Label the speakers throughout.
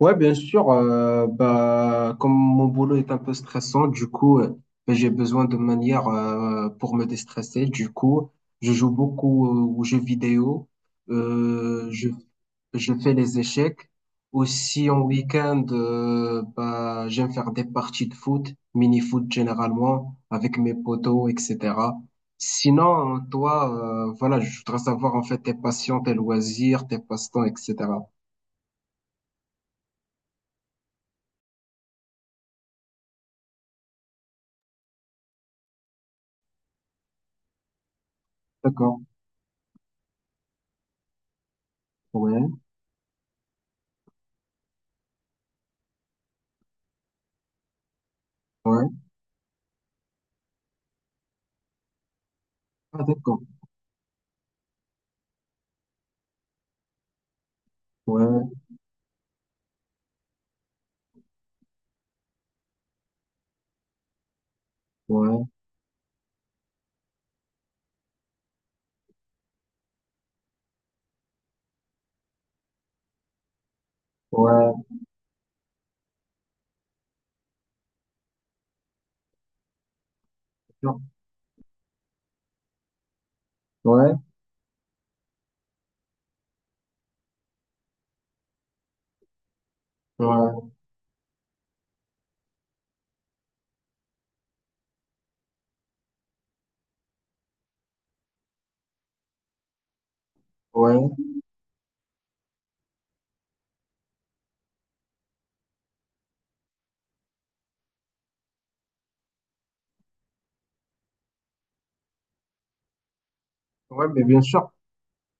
Speaker 1: Ouais, bien sûr. Bah, comme mon boulot est un peu stressant, du coup, bah, j'ai besoin de manière pour me déstresser. Du coup, je joue beaucoup aux jeux vidéo. Euh, je, je fais les échecs. Aussi, en week-end, bah, j'aime faire des parties de foot, mini-foot généralement, avec mes potos, etc. Sinon, toi, voilà, je voudrais savoir en fait tes passions, tes loisirs, tes passe-temps, etc. D'accord. Ouais, ouais. Ah, d'accord. Ouais, ouais, ouais, ouais, non, ouais, ouais, ouais, ouais, mais bien sûr.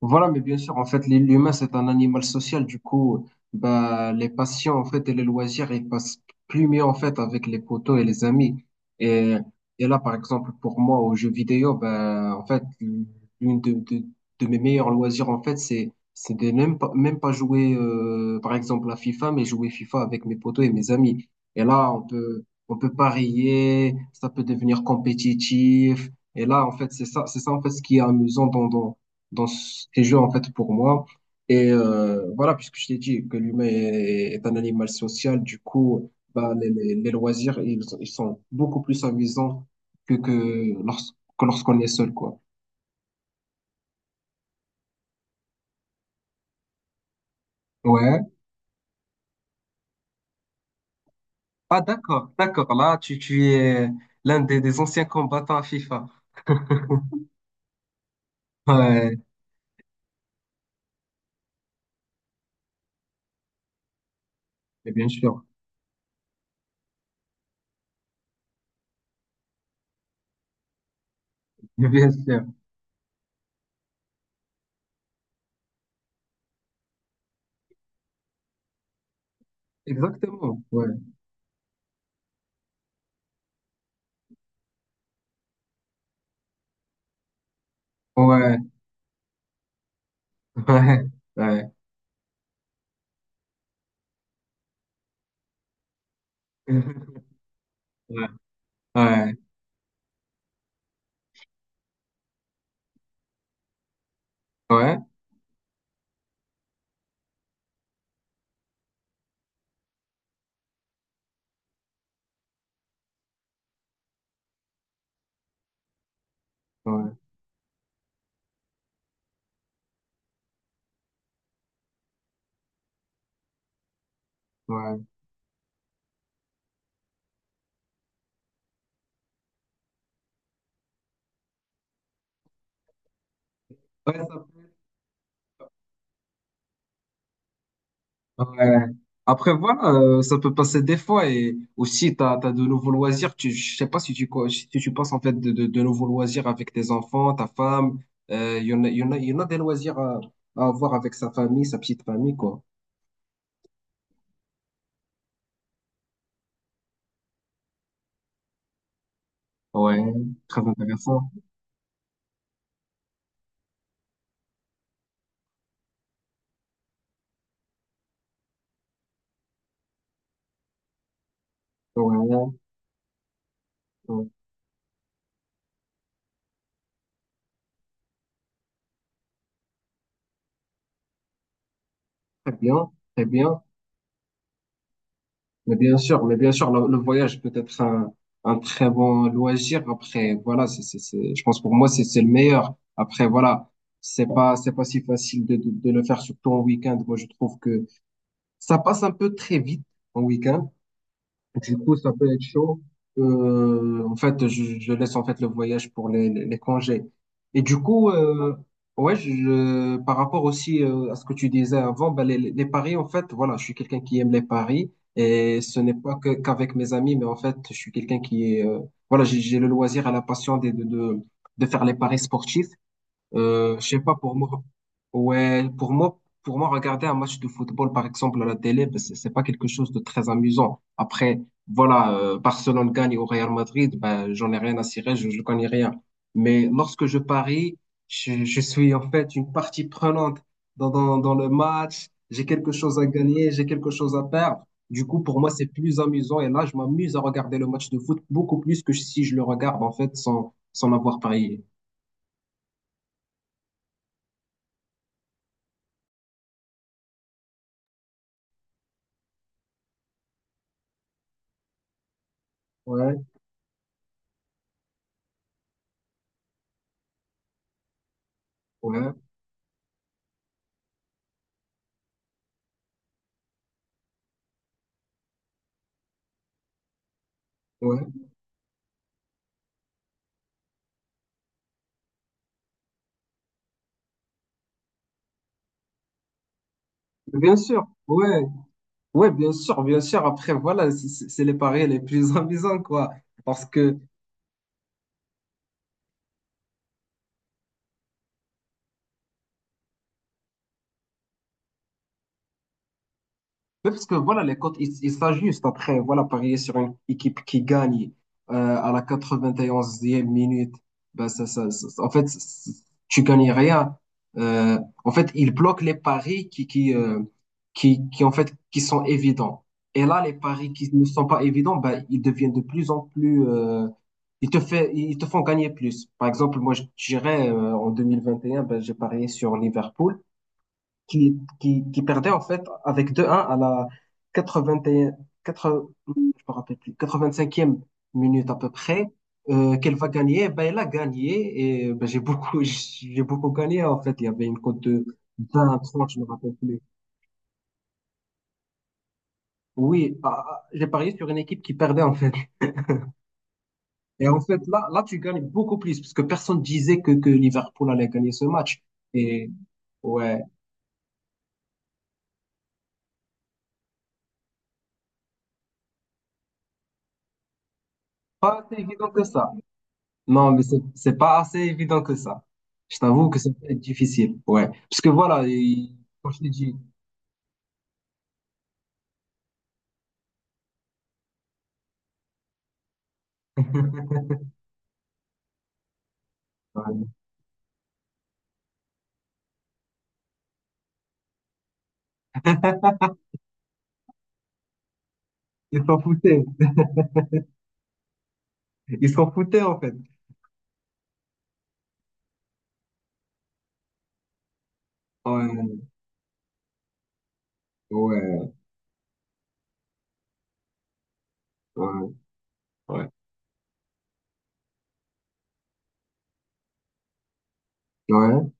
Speaker 1: Voilà, mais bien sûr, en fait, l'humain, c'est un animal social. Du coup, bah, les passions, en fait, et les loisirs, ils passent plus mieux, en fait, avec les potos et les amis. Et, et là, par exemple, pour moi, aux jeux vidéo, bah, en fait, l'une de mes meilleurs loisirs, en fait, c'est de même pas jouer, par exemple, à FIFA, mais jouer FIFA avec mes potos et mes amis. Et là, on peut parier, ça peut devenir compétitif. Et là, en fait, c'est ça, en fait, ce qui est amusant dans ces jeux, en fait, pour moi. Et voilà, puisque je t'ai dit que l'humain est un animal social, du coup, bah, les loisirs, ils sont beaucoup plus amusants que lorsqu'on est seul, quoi. Ouais. Ah, d'accord, d'accord. Là, tu es l'un des anciens combattants à FIFA. Ouais, mais bien sûr. Mais bien sûr. Exactement. Ouais. Ouais. Ouais. Ouais. Ouais. Ouais. Ouais. Ouais. Ouais. Ouais. Ouais. Après, voilà, ça peut passer des fois et aussi, tu as, de nouveaux loisirs. Je sais pas si tu, si tu passes en fait de nouveaux loisirs avec tes enfants, ta femme. Il y en a, il y en a des loisirs à avoir avec sa famille, sa petite famille, quoi. Ouais, très intéressant. Ouais, ouais. Ouais. Très bien, très bien. Mais bien sûr, le voyage peut être un très bon loisir. Après, voilà, je pense pour moi, c'est le meilleur. Après, voilà, c'est pas si facile de le faire, surtout en week-end. Moi, je trouve que ça passe un peu très vite en week-end. Du coup, ça peut être chaud. En fait, je laisse en fait le voyage pour les congés. Et du coup, ouais, par rapport aussi à ce que tu disais avant, ben les paris, en fait, voilà, je suis quelqu'un qui aime les paris. Et ce n'est pas que qu'avec mes amis, mais en fait, je suis quelqu'un qui est, voilà, j'ai le loisir et la passion de faire les paris sportifs. Je sais pas, pour moi, ouais, pour moi, regarder un match de football, par exemple, à la télé, ben, c'est pas quelque chose de très amusant. Après, voilà, Barcelone gagne au Real Madrid, ben, j'en ai rien à cirer, je connais rien. Mais lorsque je parie, je suis en fait une partie prenante dans le match. J'ai quelque chose à gagner, j'ai quelque chose à perdre. Du coup, pour moi, c'est plus amusant. Et là, je m'amuse à regarder le match de foot beaucoup plus que si je le regarde, en fait, sans l'avoir parié. Ouais, ouais, ouais. Bien sûr, ouais, ouais, bien sûr, bien sûr. Après, voilà, c'est les paris les plus amusants, quoi. Parce que, Oui, parce que voilà, les cotes, ils s'ajustent après. Voilà, parier sur une équipe qui gagne à la quatre-vingt-onzième minute, ben ça, en fait, tu gagnes rien. En fait, ils bloquent les paris qui, en fait, qui sont évidents. Et là, les paris qui ne sont pas évidents, ben, ils deviennent de plus en plus, ils te font gagner plus. Par exemple, moi, je dirais en 2021 ben, j'ai parié sur Liverpool qui perdait en fait avec 2-1 à la 81, 80 je me rappelle plus, 85e minute à peu près, qu'elle va gagner. Ben, elle a gagné et ben, j'ai beaucoup, j'ai beaucoup gagné en fait. Il y avait une cote de 20, 30, je me rappelle plus. Oui, ah, ah, j'ai parié sur une équipe qui perdait en fait. Et en fait, là, tu gagnes beaucoup plus parce que personne disait que Liverpool allait gagner ce match. Et ouais, pas si évident que ça. Non, mais c'est pas assez évident que ça. Je t'avoue que c'est difficile. Ouais. Parce que voilà, quand je t'ai dit, ouais, ils s'en foutaient. Ils s'en foutaient, en fait. Ouais, ouais, ouais, ouais. Ouais,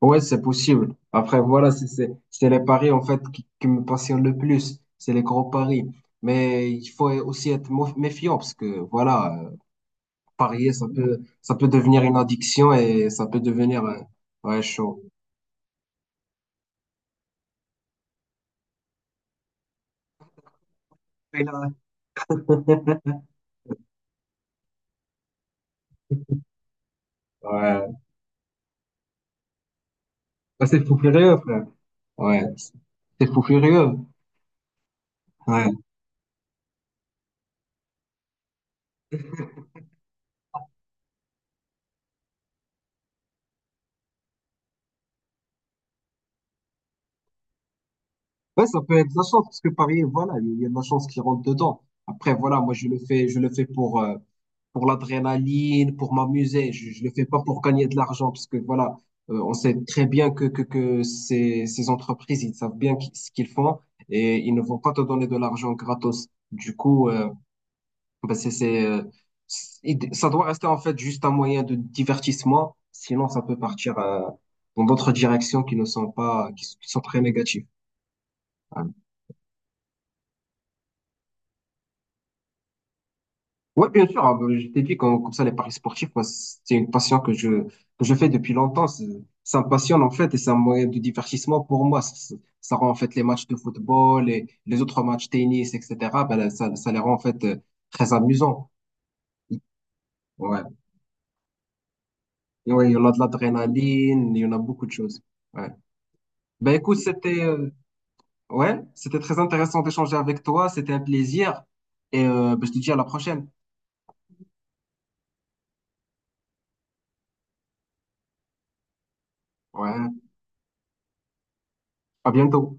Speaker 1: ouais, c'est possible. Après, voilà, c'est les paris, en fait, qui me passionnent le plus. C'est les gros paris. Mais il faut aussi être méfiant parce que, voilà, parier, ça peut devenir une addiction et ça peut devenir, ouais, chaud. Et là, Ouais. Ah, c'est fou furieux, frère. Ouais. C'est fou furieux. Ouais. Ouais, ça peut être de la chance, parce que parier, voilà, il y a de la chance qui rentre dedans. Après, voilà, moi, je le fais pour l'adrénaline, pour m'amuser. Je le fais pas pour gagner de l'argent, parce que voilà, on sait très bien que ces entreprises, ils savent bien ce qu'ils font et ils ne vont pas te donner de l'argent gratos. Du coup, bah ça doit rester en fait juste un moyen de divertissement, sinon ça peut partir dans d'autres directions qui ne sont pas, qui sont très négatives. Voilà. Ouais, bien sûr, hein, bah, je t'ai dit comme ça les paris sportifs, moi, c'est une passion que je fais depuis longtemps. Ça me passionne en fait et c'est un moyen de divertissement pour moi. Ça rend en fait les matchs de football et les autres matchs tennis, etc. Ben, là, ça les rend en fait très amusants. Ouais. Et ouais, il y en a de l'adrénaline, il y en a beaucoup de choses. Ouais. Ben écoute, c'était ouais, c'était très intéressant d'échanger avec toi, c'était un plaisir et ben, je te dis à la prochaine. Ouais, à bientôt.